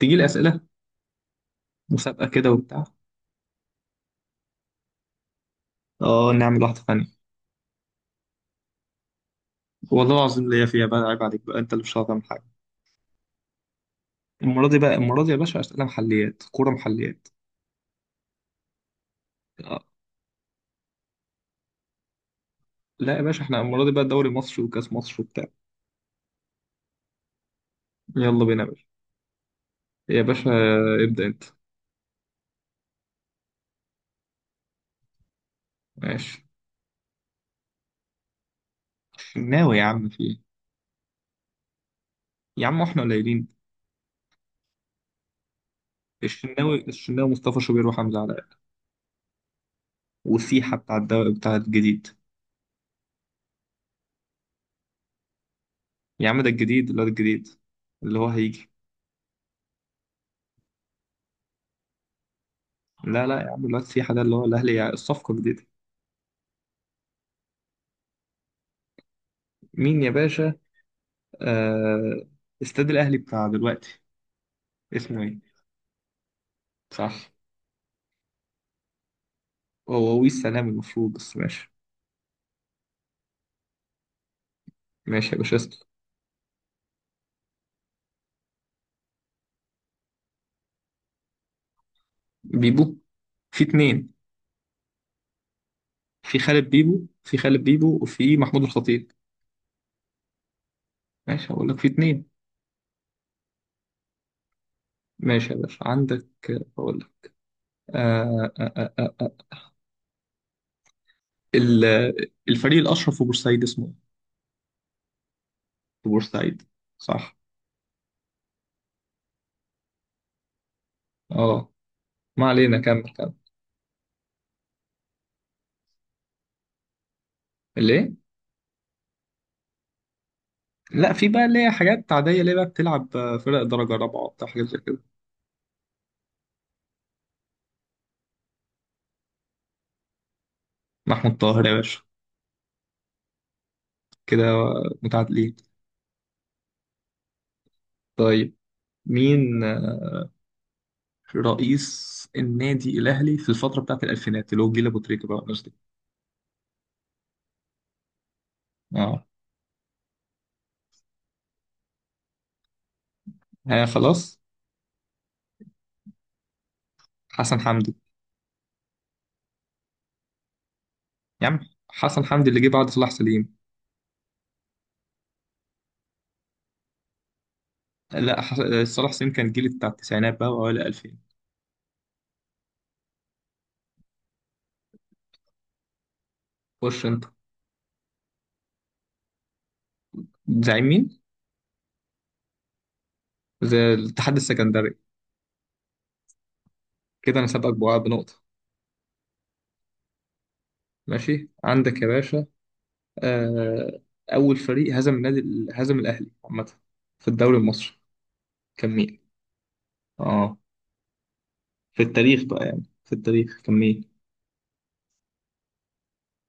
تجي لي اسئله مسابقه كده وبتاع. اه، نعمل واحده ثانيه. والله العظيم ليا فيها بقى، عيب عليك بقى، انت اللي مش هتعرف تعمل حاجه. المره دي بقى، المره دي يا باشا اسئله محليات، كوره محليات. آه. لا يا باشا، احنا المره دي بقى دوري مصر وكاس مصر وبتاع. يلا بينا يا باشا. يا باشا، ابدا انت. ماشي. الشناوي يا عم، في ايه؟ يا عم احنا قليلين. الشناوي، مصطفى شوبير، وحمزه علاء. وسيحه بتاع الدوري بتاع الجديد. يا عم ده الجديد، الواد الجديد اللي هو هيجي. لا لا يا عم، الواد سيحه ده اللي هو الاهلي الصفقه الجديده. مين يا باشا؟ آه. استاد الأهلي بتاع دلوقتي اسمه إيه؟ صح. هو ويس سلام المفروض، بس ماشي. ماشي يا باشا اسطى. بيبو. في اتنين. في خالد بيبو وفي محمود الخطيب. ماشي، هقول لك في اتنين. ماشي يا باشا، عندك. هقول لك. آه آه آه آه. ال- الفريق الأشهر في بورسعيد اسمه إيه؟ في بورسعيد. صح. اه، ما علينا، كمل كمل. ليه؟ لا، في بقى اللي هي حاجات عادية، اللي هي بقى بتلعب فرق درجة رابعة وبتاع، حاجات زي كده. محمود طاهر يا باشا. كده متعادلين. طيب، مين رئيس النادي الأهلي في الفترة بتاعت الألفينات، اللي هو جيل أبو تريكة بقى والناس دي؟ اه. أنا خلاص. حسن حمدي. يا عم حسن حمدي اللي جه بعد صلاح سليم. لا ح... صلاح سليم كان جيل بتاع التسعينات بقى وأوائل 2000. خش أنت. زعيم مين؟ زي الاتحاد السكندري. كده أنا سابقك بوقع بنقطة. ماشي عندك يا باشا. آه... أول فريق هزم النادي هزم الأهلي عامة في الدوري المصري كان مين؟ اه، في التاريخ بقى، يعني في التاريخ كمية.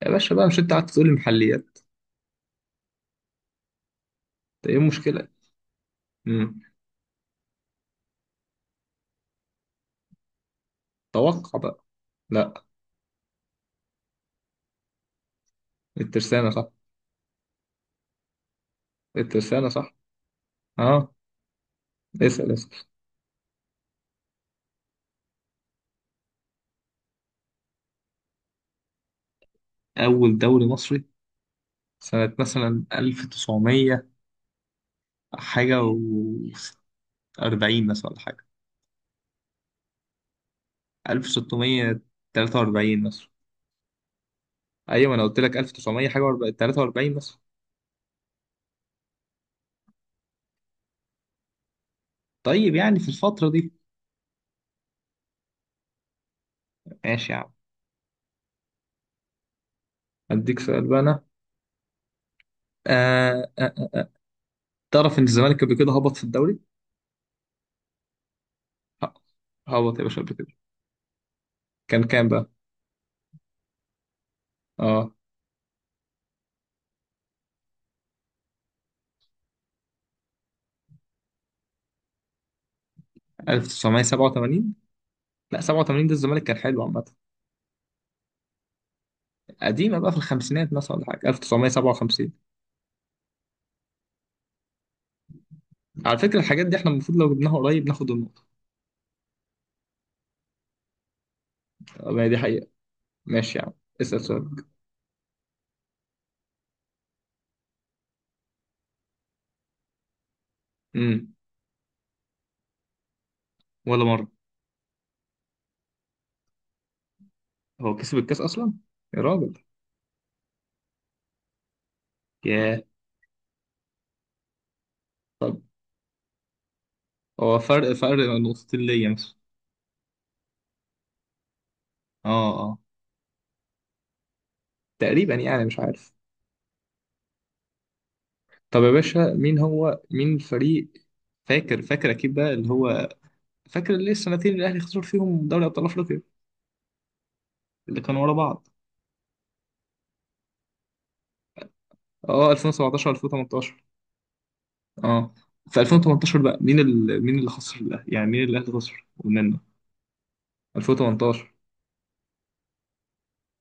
يا باشا بقى، مش انت قاعد تقول لي محليات؟ ده ايه المشكلة؟ مم. توقع بقى. لا. الترسانة صح، الترسانة صح. اه، اسأل اسأل. أول دوري مصري سنة مثلا 1900 حاجة و40، مثلا ولا حاجة. 1643 مثلا. أيوة، أنا قلت لك 1900 حاجة و43 مثلا. طيب يعني في الفترة دي. ماشي يا عم. أديك سؤال بقى أنا. آه آه. آه. تعرف إن الزمالك قبل كده هبط في الدوري؟ ه- هبط يا باشا قبل كده. كان كام بقى؟ اه، 1987. لا، 87 ده الزمالك كان حلو عامة. قديمة بقى، في الخمسينات مثلا ولا حاجة، 1957. على فكرة الحاجات دي احنا المفروض لو جبناها قريب ناخد النقطة. آه، ما هي دي حقيقة. ماشي يا عم، اسأل سؤال. امم. ولا مرة. هو كسب الكاس أصلا؟ يا راجل. ياه. طب هو فرق نقطتين ليا مثلا. اه اه. تقريبا يعني، مش عارف. طب يا باشا، مين هو مين الفريق؟ فاكر أكيد بقى، اللي هو فاكر ليه السنتين اللي الاهلي خسر فيهم دوري ابطال افريقيا، اللي كانوا ورا بعض؟ اه، 2017 2018. اه، في 2018 بقى مين مين اللي خسر الاهلي، يعني مين اللي الاهلي خسر منه؟ 2018.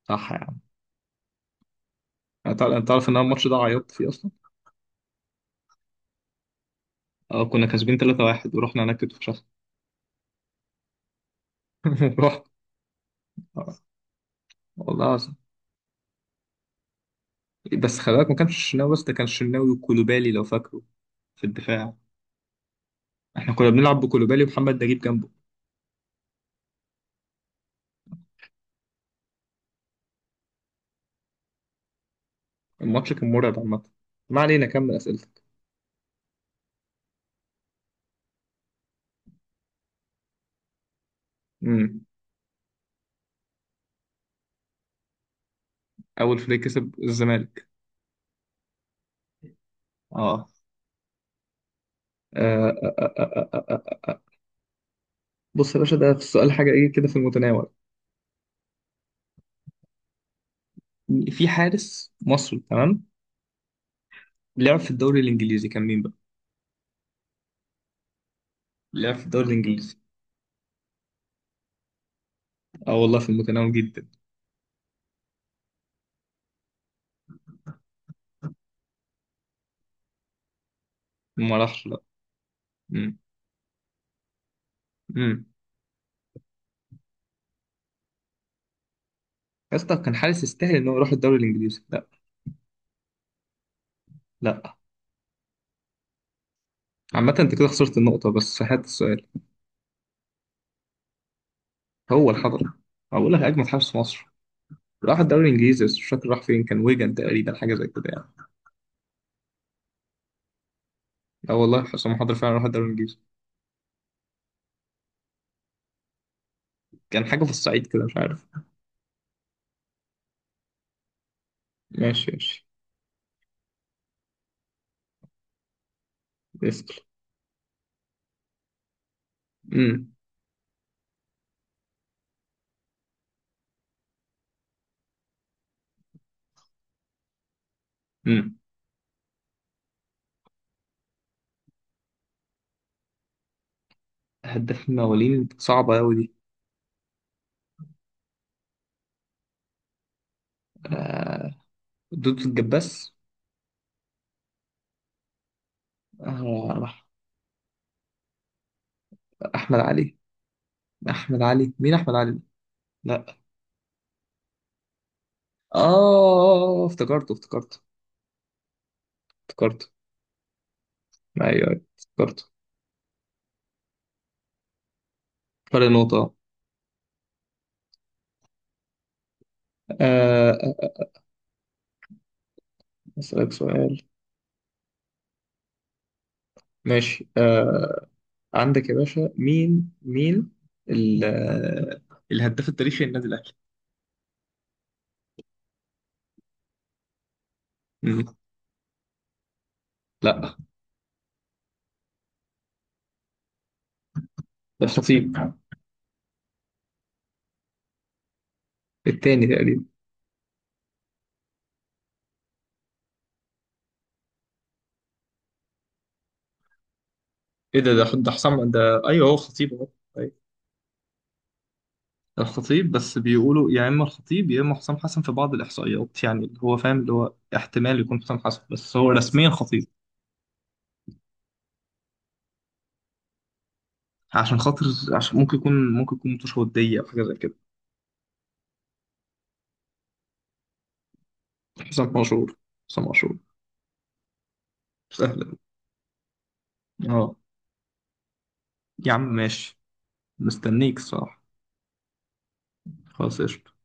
صح يا عم. انت تعرف أنت تعرف ان انا الماتش ده عيطت فيه اصلا. اه، كنا كاسبين 3-1 ورحنا هناك اتفشخنا. رحت. آه، والله العظيم، بس خلي بالك ما كانش الشناوي بس، ده كان الشناوي وكولوبالي لو فاكره، في الدفاع. احنا كنا بنلعب بكولوبالي ومحمد نجيب جنبه. الماتش كان مرعب عامة. ما علينا، كمل اسئلتك. مم. اول فريق كسب الزمالك. اه. آه، آه، آه، آه، آه، آه. آه. بص يا باشا، ده في السؤال حاجه ايه كده في المتناول. في حارس مصري تمام، لعب في الدوري الانجليزي، كان مين بقى؟ لعب في الدوري الانجليزي. اه والله في المتناول جدا. ما راحش، لا. امم، امم. يا اسطى، كان حارس يستاهل ان هو يروح الدوري الانجليزي؟ لا. لا عامه، انت كده خسرت النقطه، بس هات السؤال. هو الحضري. هقول لك اجمد حارس في مصر. راح الدوري الانجليزي بس مش فاكر راح فين، كان ويجن تقريبا، حاجه زي كده يعني. اه والله حسام حضري فعلا راح الدوري الانجليزي. كان حاجه في الصعيد كده، مش عارف. ماشي ماشي. اسأل. امم، امم. هداف المواليد صعبة أوي دي. آه. دودو الجباس. آه. أحمد علي. أحمد علي، مين أحمد علي؟ لا. آه، افتكرته افتكرته. افتكرته. أيوه أيوه افتكرته. فرق نقطة. آه آه، أسألك سؤال. ماشي، آه. عندك يا باشا، مين ال- آه، الهداف التاريخي للنادي الأهلي؟ مم. لا. ده مش نصيب. التاني تقريبا. ايه ده حسام ده، ايوه هو خطيب اهو. أيوة. الخطيب، بس بيقولوا يا اما الخطيب يا اما حسام حسن، في بعض الاحصائيات يعني، اللي هو فاهم اللي هو احتمال يكون حسام حسن، بس هو رسميا خطيب. عشان خاطر، عشان ممكن يكون متوشه ودية او حاجه زي كده. حسام عاشور، حسام عاشور. سهل. اه. يا عم ماشي. مستنيك الصراحه. خلاص، قشطة.